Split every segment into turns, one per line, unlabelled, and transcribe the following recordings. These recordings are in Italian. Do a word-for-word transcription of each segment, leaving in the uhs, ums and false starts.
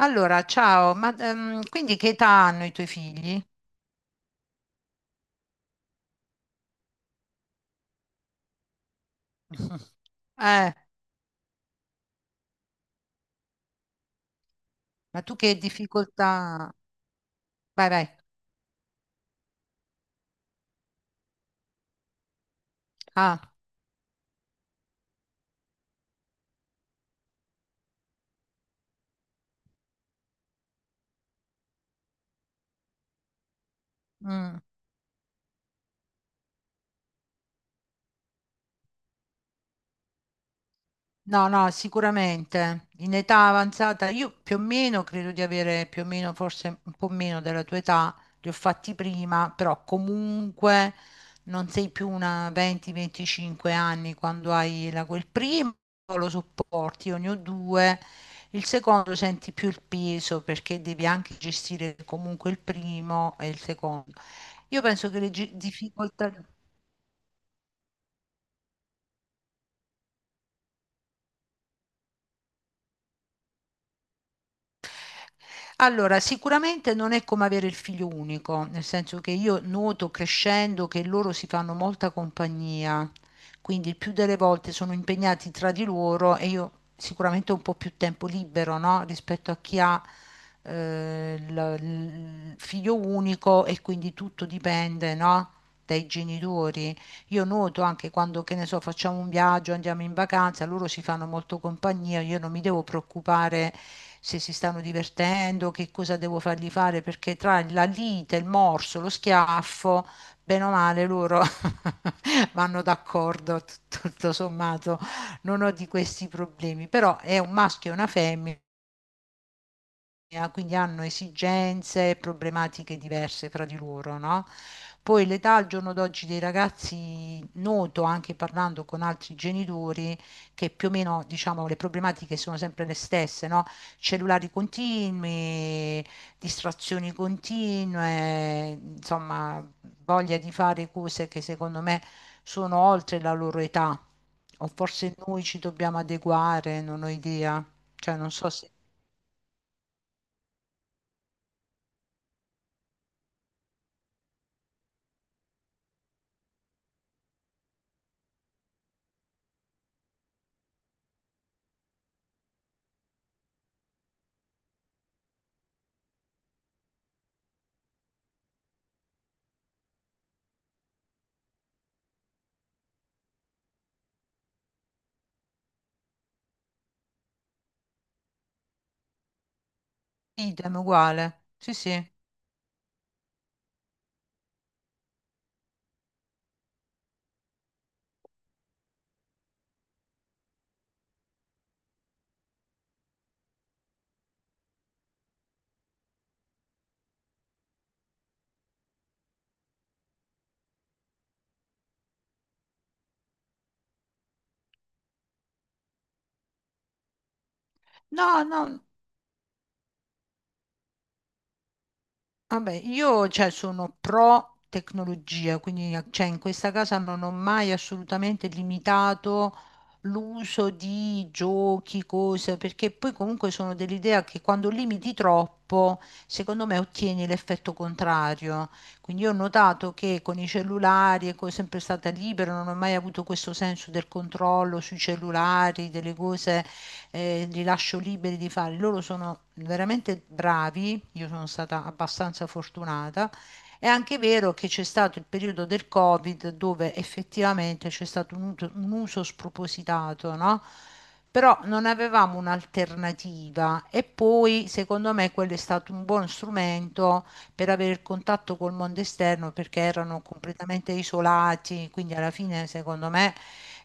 Allora, ciao, ma ehm, quindi che età hanno i tuoi figli? Eh, ma tu che difficoltà... Vai, vai. Ah, mm. No, no, sicuramente. In età avanzata, io più o meno credo di avere più o meno, forse un po' meno della tua età, li ho fatti prima, però comunque non sei più una venti a venticinque anni quando hai la, quel primo, lo sopporti, io ne ho due, il secondo senti più il peso perché devi anche gestire comunque il primo e il secondo. Io penso che le gi- difficoltà... Allora, sicuramente non è come avere il figlio unico, nel senso che io noto crescendo che loro si fanno molta compagnia, quindi il più delle volte sono impegnati tra di loro e io sicuramente ho un po' più tempo libero, no? Rispetto a chi ha eh, il il figlio unico e quindi tutto dipende, no? Dai genitori. Io noto anche quando, che ne so, facciamo un viaggio, andiamo in vacanza, loro si fanno molto compagnia, io non mi devo preoccupare se si stanno divertendo, che cosa devo fargli fare, perché tra la lite, il morso, lo schiaffo, bene o male loro vanno d'accordo, tut- tutto sommato, non ho di questi problemi, però è un maschio e una femmina autonomia, quindi hanno esigenze, problematiche diverse fra di loro, no? Poi l'età al giorno d'oggi dei ragazzi, noto anche parlando con altri genitori, che più o meno, diciamo, le problematiche sono sempre le stesse, no? Cellulari continui, distrazioni continue, insomma, voglia di fare cose che secondo me sono oltre la loro età. O forse noi ci dobbiamo adeguare, non ho idea. Cioè, non so se... Idem, uguale. Sì, sì. No, no, vabbè, io cioè, sono pro tecnologia, quindi cioè, in questa casa non ho mai assolutamente limitato l'uso di giochi, cose, perché poi comunque sono dell'idea che quando limiti troppo, secondo me ottieni l'effetto contrario. Quindi io ho notato che con i cellulari, ecco, è sempre stata libera, non ho mai avuto questo senso del controllo sui cellulari, delle cose eh, li lascio liberi di fare. Loro sono veramente bravi, io sono stata abbastanza fortunata. È anche vero che c'è stato il periodo del Covid dove effettivamente c'è stato un, ut- un uso spropositato, no? Però non avevamo un'alternativa e poi secondo me quello è stato un buon strumento per avere il contatto col mondo esterno perché erano completamente isolati, quindi alla fine secondo me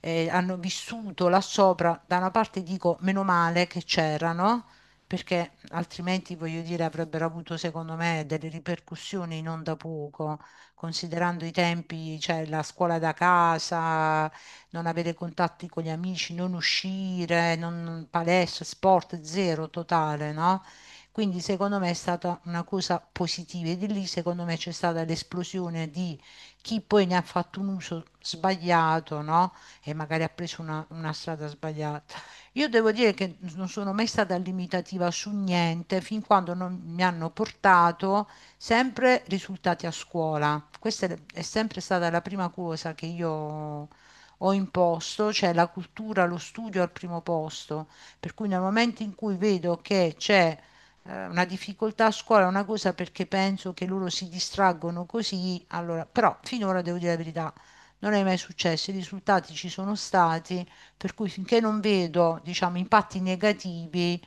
eh, hanno vissuto là sopra, da una parte dico meno male che c'erano, perché altrimenti, voglio dire, avrebbero avuto, secondo me, delle ripercussioni non da poco, considerando i tempi, cioè la scuola da casa, non avere contatti con gli amici, non uscire, non, palestra, sport zero totale, no? Quindi secondo me è stata una cosa positiva e di lì secondo me c'è stata l'esplosione di chi poi ne ha fatto un uso sbagliato, no? E magari ha preso una, una strada sbagliata. Io devo dire che non sono mai stata limitativa su niente fin quando non mi hanno portato sempre risultati a scuola. Questa è è sempre stata la prima cosa che io ho imposto, cioè la cultura, lo studio al primo posto. Per cui nel momento in cui vedo che c'è eh, una difficoltà a scuola, una cosa perché penso che loro si distraggono così, allora, però finora devo dire la verità, non è mai successo, i risultati ci sono stati, per cui finché non vedo, diciamo, impatti negativi,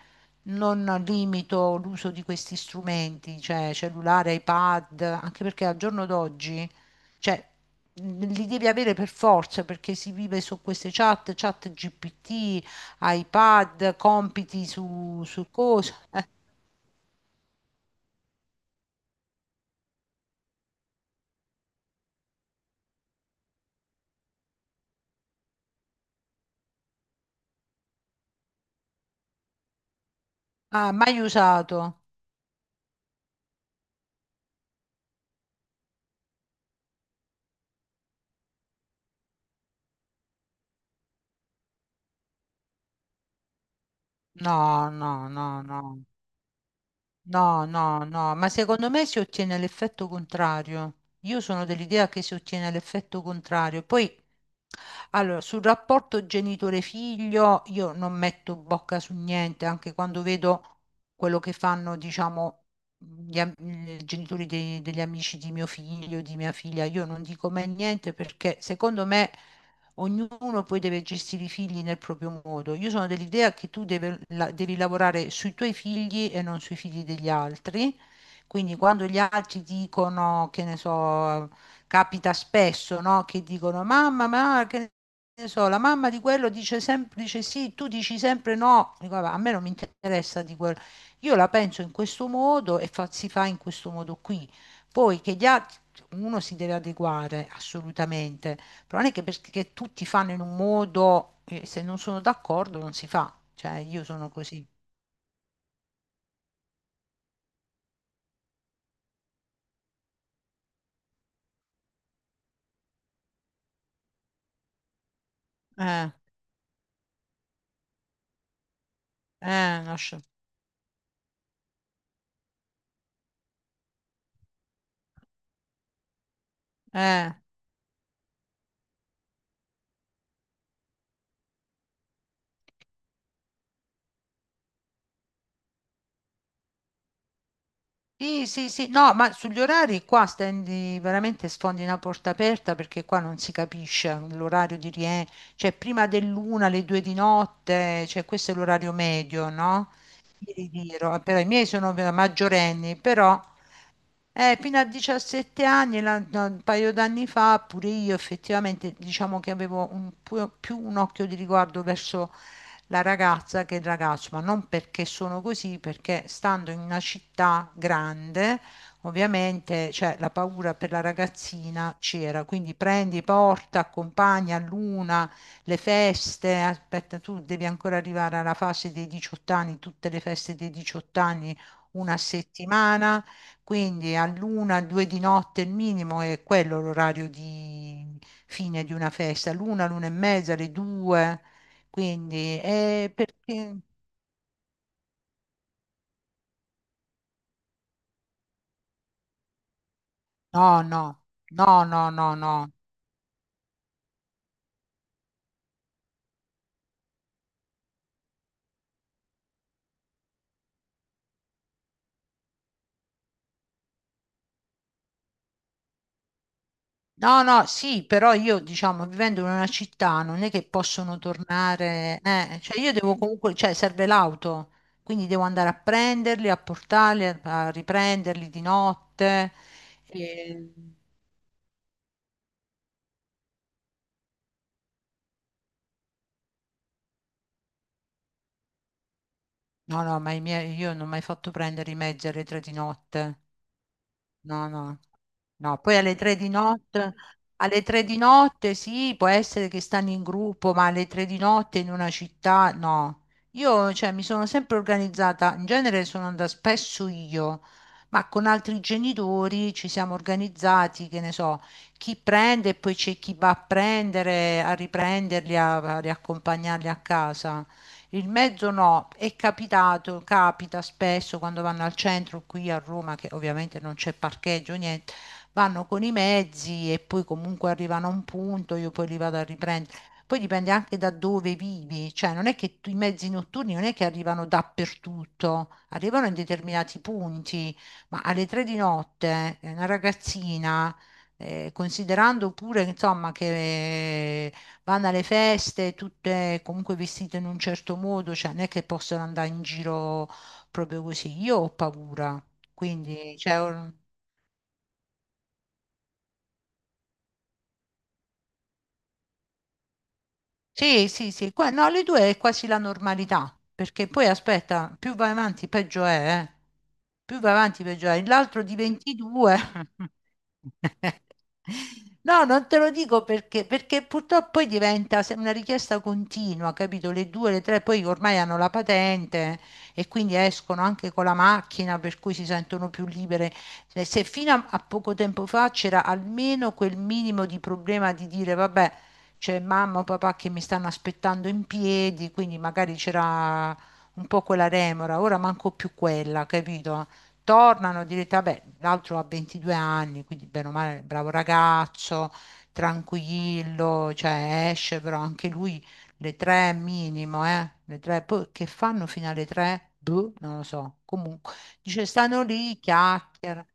non limito l'uso di questi strumenti, cioè cellulare, iPad, anche perché al giorno d'oggi, cioè, li devi avere per forza perché si vive su queste chat, chat G P T, iPad, compiti su, su cosa. Eh, ah, mai usato? No, no, no, no. No, no, no, ma secondo me si ottiene l'effetto contrario. Io sono dell'idea che si ottiene l'effetto contrario. Poi, allora, sul rapporto genitore-figlio io non metto bocca su niente, anche quando vedo quello che fanno, diciamo, gli, am- i genitori dei- degli amici di mio figlio, di mia figlia, io non dico mai niente perché secondo me ognuno poi deve gestire i figli nel proprio modo. Io sono dell'idea che tu deve- la- devi lavorare sui tuoi figli e non sui figli degli altri. Quindi quando gli altri dicono, che ne so, capita spesso, no? Che dicono, mamma, ma che ne so, la mamma di quello dice sempre dice sì, tu dici sempre no. Dico, "Vabbè, a me non mi interessa di quello. Io la penso in questo modo e fa- si fa in questo modo qui. Poi che gli altri, uno si deve adeguare assolutamente. Però non è che perché tutti fanno in un modo, eh, se non sono d'accordo non si fa, cioè io sono così. Eh, eh, lascia- eh, Sì, sì, sì, no, ma sugli orari qua stendi veramente sfondi una porta aperta perché qua non si capisce l'orario di rientro, cioè prima dell'una, alle due di notte, cioè questo è l'orario medio, no? Io li dirò, però i miei sono maggiorenni, però eh, fino a diciassette anni, la- no, un paio d'anni fa, pure io effettivamente diciamo che avevo un pu- più un occhio di riguardo verso la ragazza che il ragazzo, ma non perché sono così, perché stando in una città grande, ovviamente, cioè, la paura per la ragazzina c'era, quindi prendi, porta, accompagna all'una, le feste, aspetta, tu devi ancora arrivare alla fase dei diciotto anni, tutte le feste dei diciotto anni, una settimana. Quindi all'una, alle due di notte il minimo è quello l'orario di fine di una festa, l'una, l'una e mezza, le due. Quindi, eh, perché... No, no, no, no, no, no. No, no, sì, però io, diciamo, vivendo in una città non è che possono tornare, eh, cioè io devo comunque, cioè serve l'auto, quindi devo andare a prenderli, a portarli, a, a riprenderli di notte. e- No, no, ma i miei, io non ho mai fatto prendere i mezzi alle tre di notte. No, no, no. Poi alle tre di notte, alle tre di notte sì, può essere che stanno in gruppo, ma alle tre di notte in una città, no. Io, cioè, mi sono sempre organizzata, in genere sono andata spesso io, ma con altri genitori ci siamo organizzati, che ne so, chi prende e poi c'è chi va a prendere, a riprenderli, a a riaccompagnarli a casa. Il mezzo no, è capitato, capita spesso quando vanno al centro qui a Roma, che ovviamente non c'è parcheggio, niente, vanno con i mezzi e poi comunque arrivano a un punto, io poi li vado a riprendere. Poi dipende anche da dove vivi, cioè non è che tu- i mezzi notturni non è che arrivano dappertutto, arrivano in determinati punti, ma alle tre di notte eh, una ragazzina, eh, considerando pure insomma che vanno alle feste, tutte comunque vestite in un certo modo, cioè non è che possono andare in giro proprio così. Io ho paura, quindi cioè, or- Sì, sì, sì, qua, no, le due è quasi la normalità, perché poi aspetta, più vai avanti peggio è, eh. Più vai avanti peggio è, l'altro di ventidue. No, non te lo dico perché, perché purtroppo poi diventa se- una richiesta continua, capito? Le due, le tre, poi ormai hanno la patente e quindi escono anche con la macchina, per cui si sentono più libere. Se se fino a a poco tempo fa c'era almeno quel minimo di problema di dire, vabbè c'è mamma o papà che mi stanno aspettando in piedi, quindi magari c'era un po' quella remora, ora manco più quella, capito? Tornano, direte, vabbè, l'altro ha ventidue anni, quindi bene o male, bravo ragazzo, tranquillo, cioè esce, però anche lui le tre minimo, eh? Le tre, poi che fanno fino alle tre? Boh, non lo so. Comunque, dice, stanno lì, chiacchierano.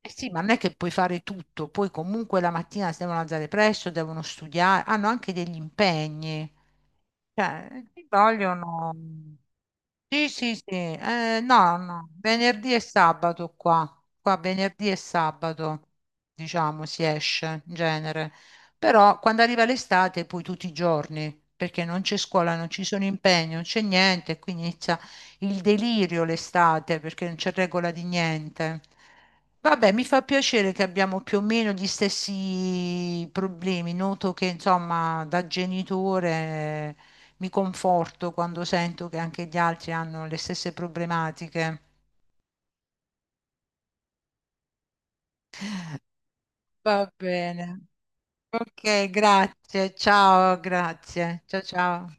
Eh sì, ma non è che puoi fare tutto, poi comunque la mattina si devono alzare presto, devono studiare, hanno anche degli impegni. Cioè, ti vogliono... Sì, sì, sì. Eh, no, no. Venerdì e sabato qua. Qua venerdì e sabato, diciamo, si esce in genere. Però quando arriva l'estate, poi tutti i giorni, perché non c'è scuola, non ci sono impegni, non c'è niente, e quindi inizia il delirio l'estate, perché non c'è regola di niente. Vabbè, mi fa piacere che abbiamo più o meno gli stessi problemi. Noto che, insomma, da genitore mi conforto quando sento che anche gli altri hanno le stesse problematiche. Va bene. Ok, grazie. Ciao, grazie. Ciao, ciao.